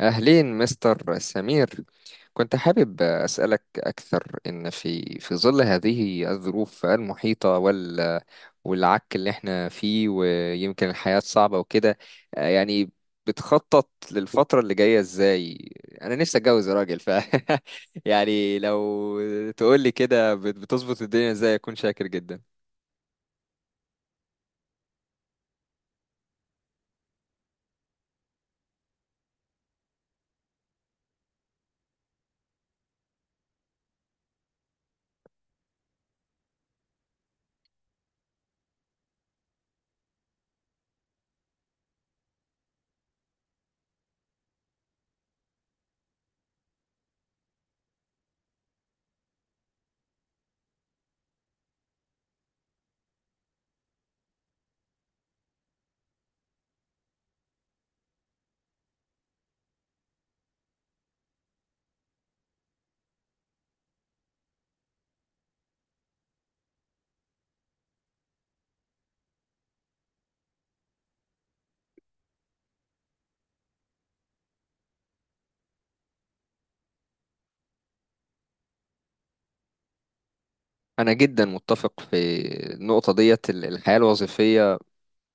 أهلين مستر سمير. كنت حابب أسألك أكثر إن في ظل هذه الظروف المحيطة والعك اللي احنا فيه، ويمكن الحياة صعبة وكده. يعني بتخطط للفترة اللي جاية إزاي؟ أنا نفسي أتجوز يا راجل، ف يعني لو تقولي كده بتظبط الدنيا إزاي أكون شاكر جدا. أنا جدا متفق في النقطة ديت، الحياة الوظيفية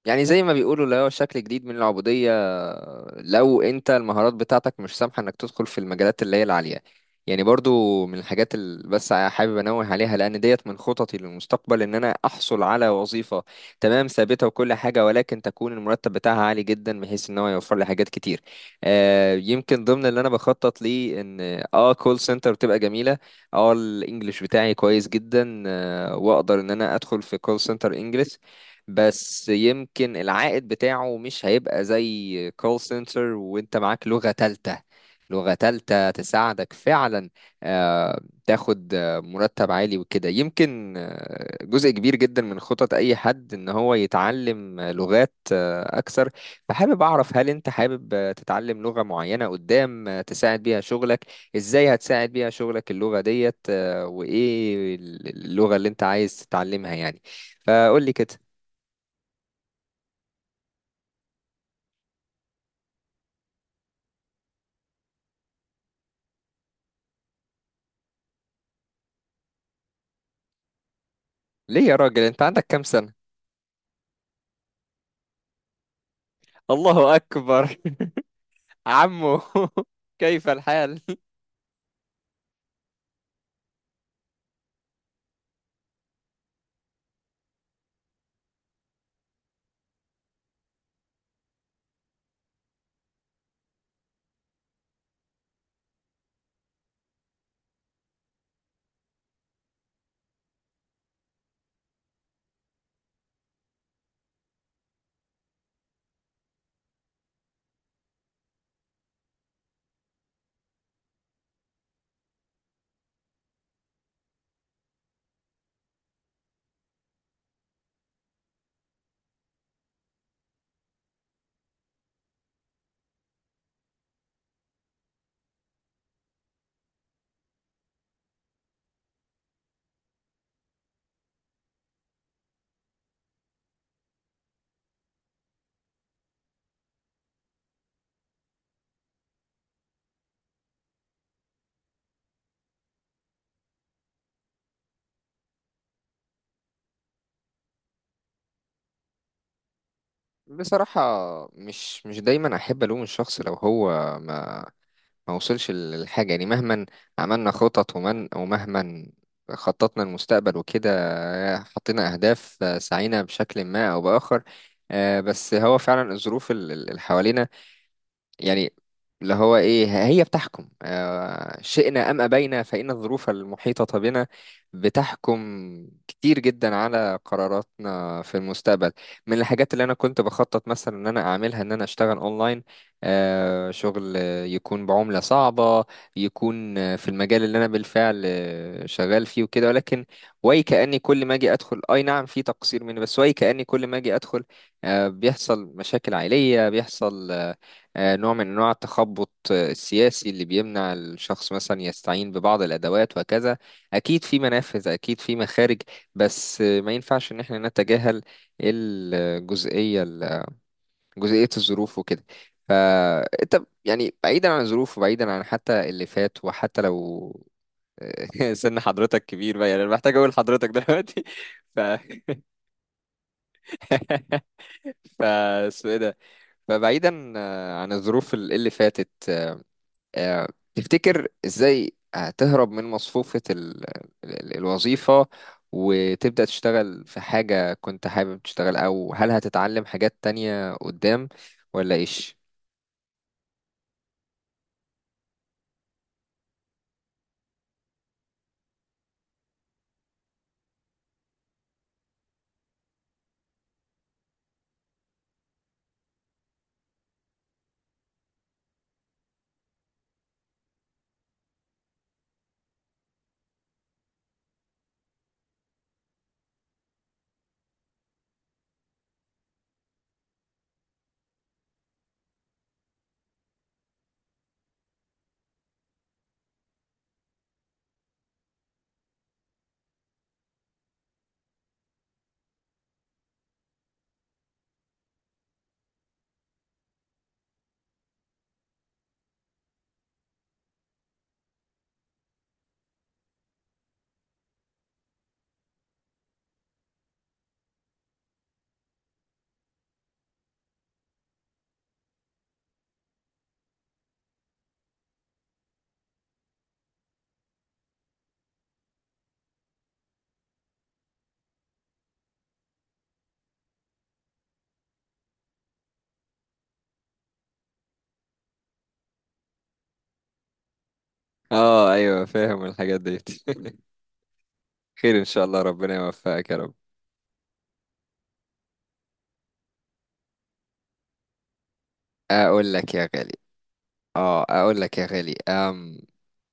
يعني زي ما بيقولوا اللي هو شكل جديد من العبودية لو انت المهارات بتاعتك مش سامحة انك تدخل في المجالات اللي هي العالية. يعني برضو من الحاجات اللي بس حابب انوه عليها، لان ديت من خططي للمستقبل ان انا احصل على وظيفة تمام ثابتة وكل حاجة، ولكن تكون المرتب بتاعها عالي جدا بحيث ان هو يوفر لي حاجات كتير. آه يمكن ضمن اللي انا بخطط ليه ان اه كول سنتر بتبقى جميلة. اه الانجليش بتاعي كويس جدا، آه، واقدر ان انا ادخل في كول سنتر انجليش، بس يمكن العائد بتاعه مش هيبقى زي كول سنتر وانت معاك لغة تالتة. لغة تالتة تساعدك فعلا، آه، تاخد مرتب عالي وكده. يمكن جزء كبير جدا من خطط أي حد إن هو يتعلم لغات أكثر. فحابب أعرف هل أنت حابب تتعلم لغة معينة قدام تساعد بيها شغلك؟ إزاي هتساعد بيها شغلك اللغة ديت، وإيه اللغة اللي أنت عايز تتعلمها يعني؟ فقول لي كده. ليه يا راجل، انت عندك كام سنة؟ الله اكبر. عمو كيف الحال؟ بصراحة، مش دايما احب الوم الشخص لو هو ما ما وصلش للحاجة. يعني مهما عملنا خطط، ومن ومهما خططنا المستقبل وكده، حطينا اهداف، سعينا بشكل ما او باخر، آه، بس هو فعلا الظروف اللي حوالينا، يعني اللي هو ايه، هي بتحكم، آه، شئنا ام ابينا فان الظروف المحيطه بنا بتحكم كتير جدا على قراراتنا في المستقبل. من الحاجات اللي انا كنت بخطط مثلا ان انا اعملها ان انا اشتغل اونلاين، آه، شغل يكون بعمله صعبه، يكون في المجال اللي انا بالفعل شغال فيه وكده، ولكن وي كاني كل ما اجي ادخل، اي نعم في تقصير مني، بس وي كاني كل ما اجي ادخل آه بيحصل مشاكل عائليه، بيحصل نوع من انواع التخبط، السياسي اللي بيمنع الشخص مثلا يستعين ببعض الادوات وهكذا. اكيد في منافذ، اكيد في مخارج، بس آه، ما ينفعش ان احنا نتجاهل الجزئيه ال- جزئيه الظروف وكده. فانت يعني بعيدا عن الظروف، وبعيدا عن حتى اللي فات، وحتى لو سن حضرتك كبير بقى، يعني انا محتاج اقول حضرتك دلوقتي. ف ف اسمه ايه ده. فبعيدا عن الظروف اللي فاتت، آه، تفتكر ازاي هتهرب من مصفوفة الوظيفة وتبدأ تشتغل في حاجة كنت حابب تشتغل، او هل هتتعلم حاجات تانية قدام، ولا ايش؟ اه ايوه، فاهم الحاجات ديت. خير ان شاء الله، ربنا يوفقك يا رب. اقول لك يا غالي، اه اقول لك يا غالي،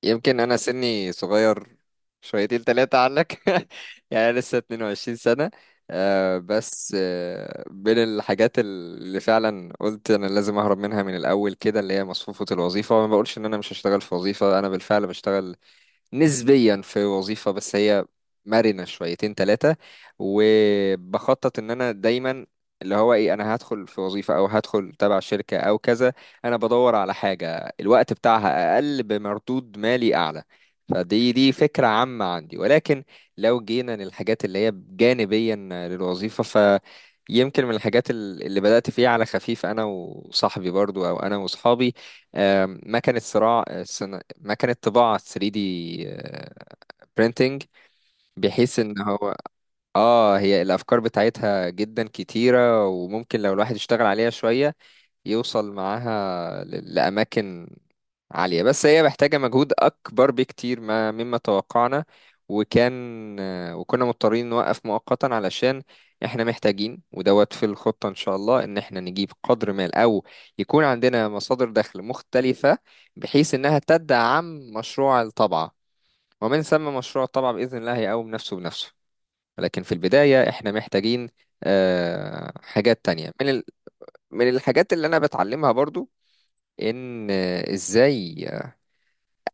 يمكن انا سني صغير شويتين تلاتة عنك. يعني أنا لسه 22 سنة. آه، بس آه، بين الحاجات اللي فعلا قلت انا لازم اهرب منها من الاول كده اللي هي مصفوفة الوظيفة، وما بقولش ان انا مش هشتغل في وظيفة، انا بالفعل بشتغل نسبيا في وظيفة، بس هي مرنة شويتين ثلاثة. وبخطط ان انا دايما اللي هو ايه، انا هدخل في وظيفة او هدخل تبع شركة او كذا، انا بدور على حاجة الوقت بتاعها اقل بمردود مالي اعلى. فدي فكرة عامة عندي، ولكن لو جينا للحاجات اللي هي جانبيا للوظيفة، ف يمكن من الحاجات اللي بدأت فيها على خفيف أنا وصاحبي، برضو أو أنا وصحابي، ما كانت صراع، مكنة طباعة 3D printing، بحيث ان هو اه، هي الافكار بتاعتها جدا كتيرة، وممكن لو الواحد اشتغل عليها شوية يوصل معاها لاماكن عالية، بس هي محتاجة مجهود اكبر بكتير ما مما توقعنا. وكان آه، وكنا مضطرين نوقف مؤقتا علشان احنا محتاجين، ودوت في الخطة ان شاء الله ان احنا نجيب قدر مال، او يكون عندنا مصادر دخل مختلفة بحيث انها تدعم مشروع الطبعة، ومن ثم مشروع الطبعة بإذن الله هيقوم نفسه بنفسه. لكن في البداية إحنا محتاجين حاجات تانية من من الحاجات اللي أنا بتعلمها برضو، إن آه، إزاي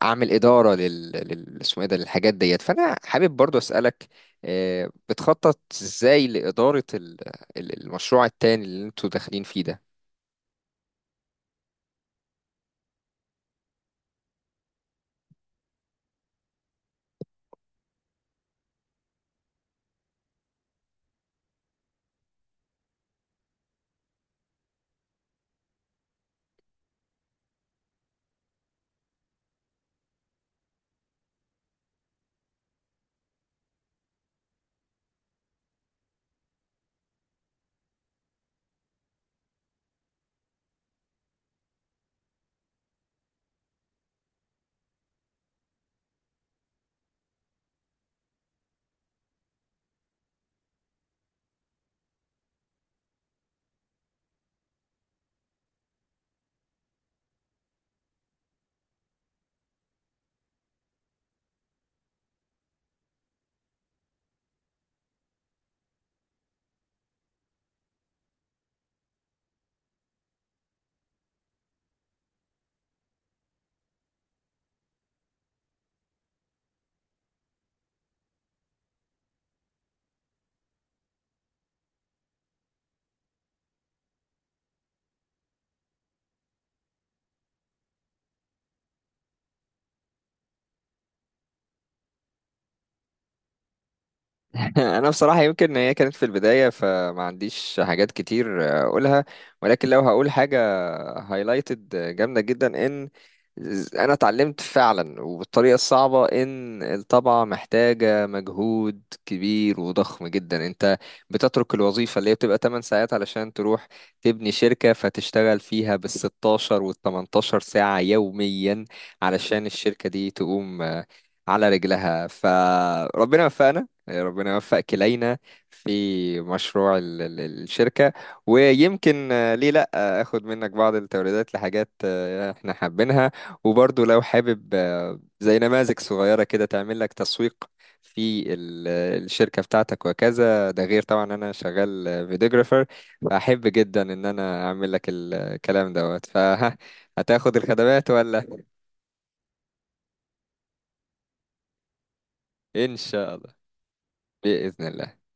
أعمل إدارة اسمه إيه ده، للحاجات ديت. فأنا حابب برضو أسألك، آه، بتخطط إزاي لإدارة المشروع التاني اللي أنتوا داخلين فيه ده؟ أنا بصراحة يمكن هي كانت في البداية فما عنديش حاجات كتير أقولها، ولكن لو هقول حاجة هايلايتد جامدة جدا، ان انا اتعلمت فعلا وبالطريقة الصعبة ان الطبعة محتاجة مجهود كبير وضخم جدا. انت بتترك الوظيفة اللي هي بتبقى 8 ساعات علشان تروح تبني شركة فتشتغل فيها بال 16 وال 18 ساعة يوميا علشان الشركة دي تقوم على رجلها. فربنا وفقنا ربنا يوفق كلينا في مشروع الشركة. ويمكن ليه اخد منك بعض التوريدات لحاجات احنا حابينها. وبرضو لو حابب زي نماذج صغيرة كده تعمل لك تسويق في الشركة بتاعتك وكذا، ده غير طبعا انا شغال فيديوجرافر، فاحب جدا ان انا اعمل لك الكلام دوت، فهتاخد الخدمات ولا؟ ان شاء الله، بإذن الله.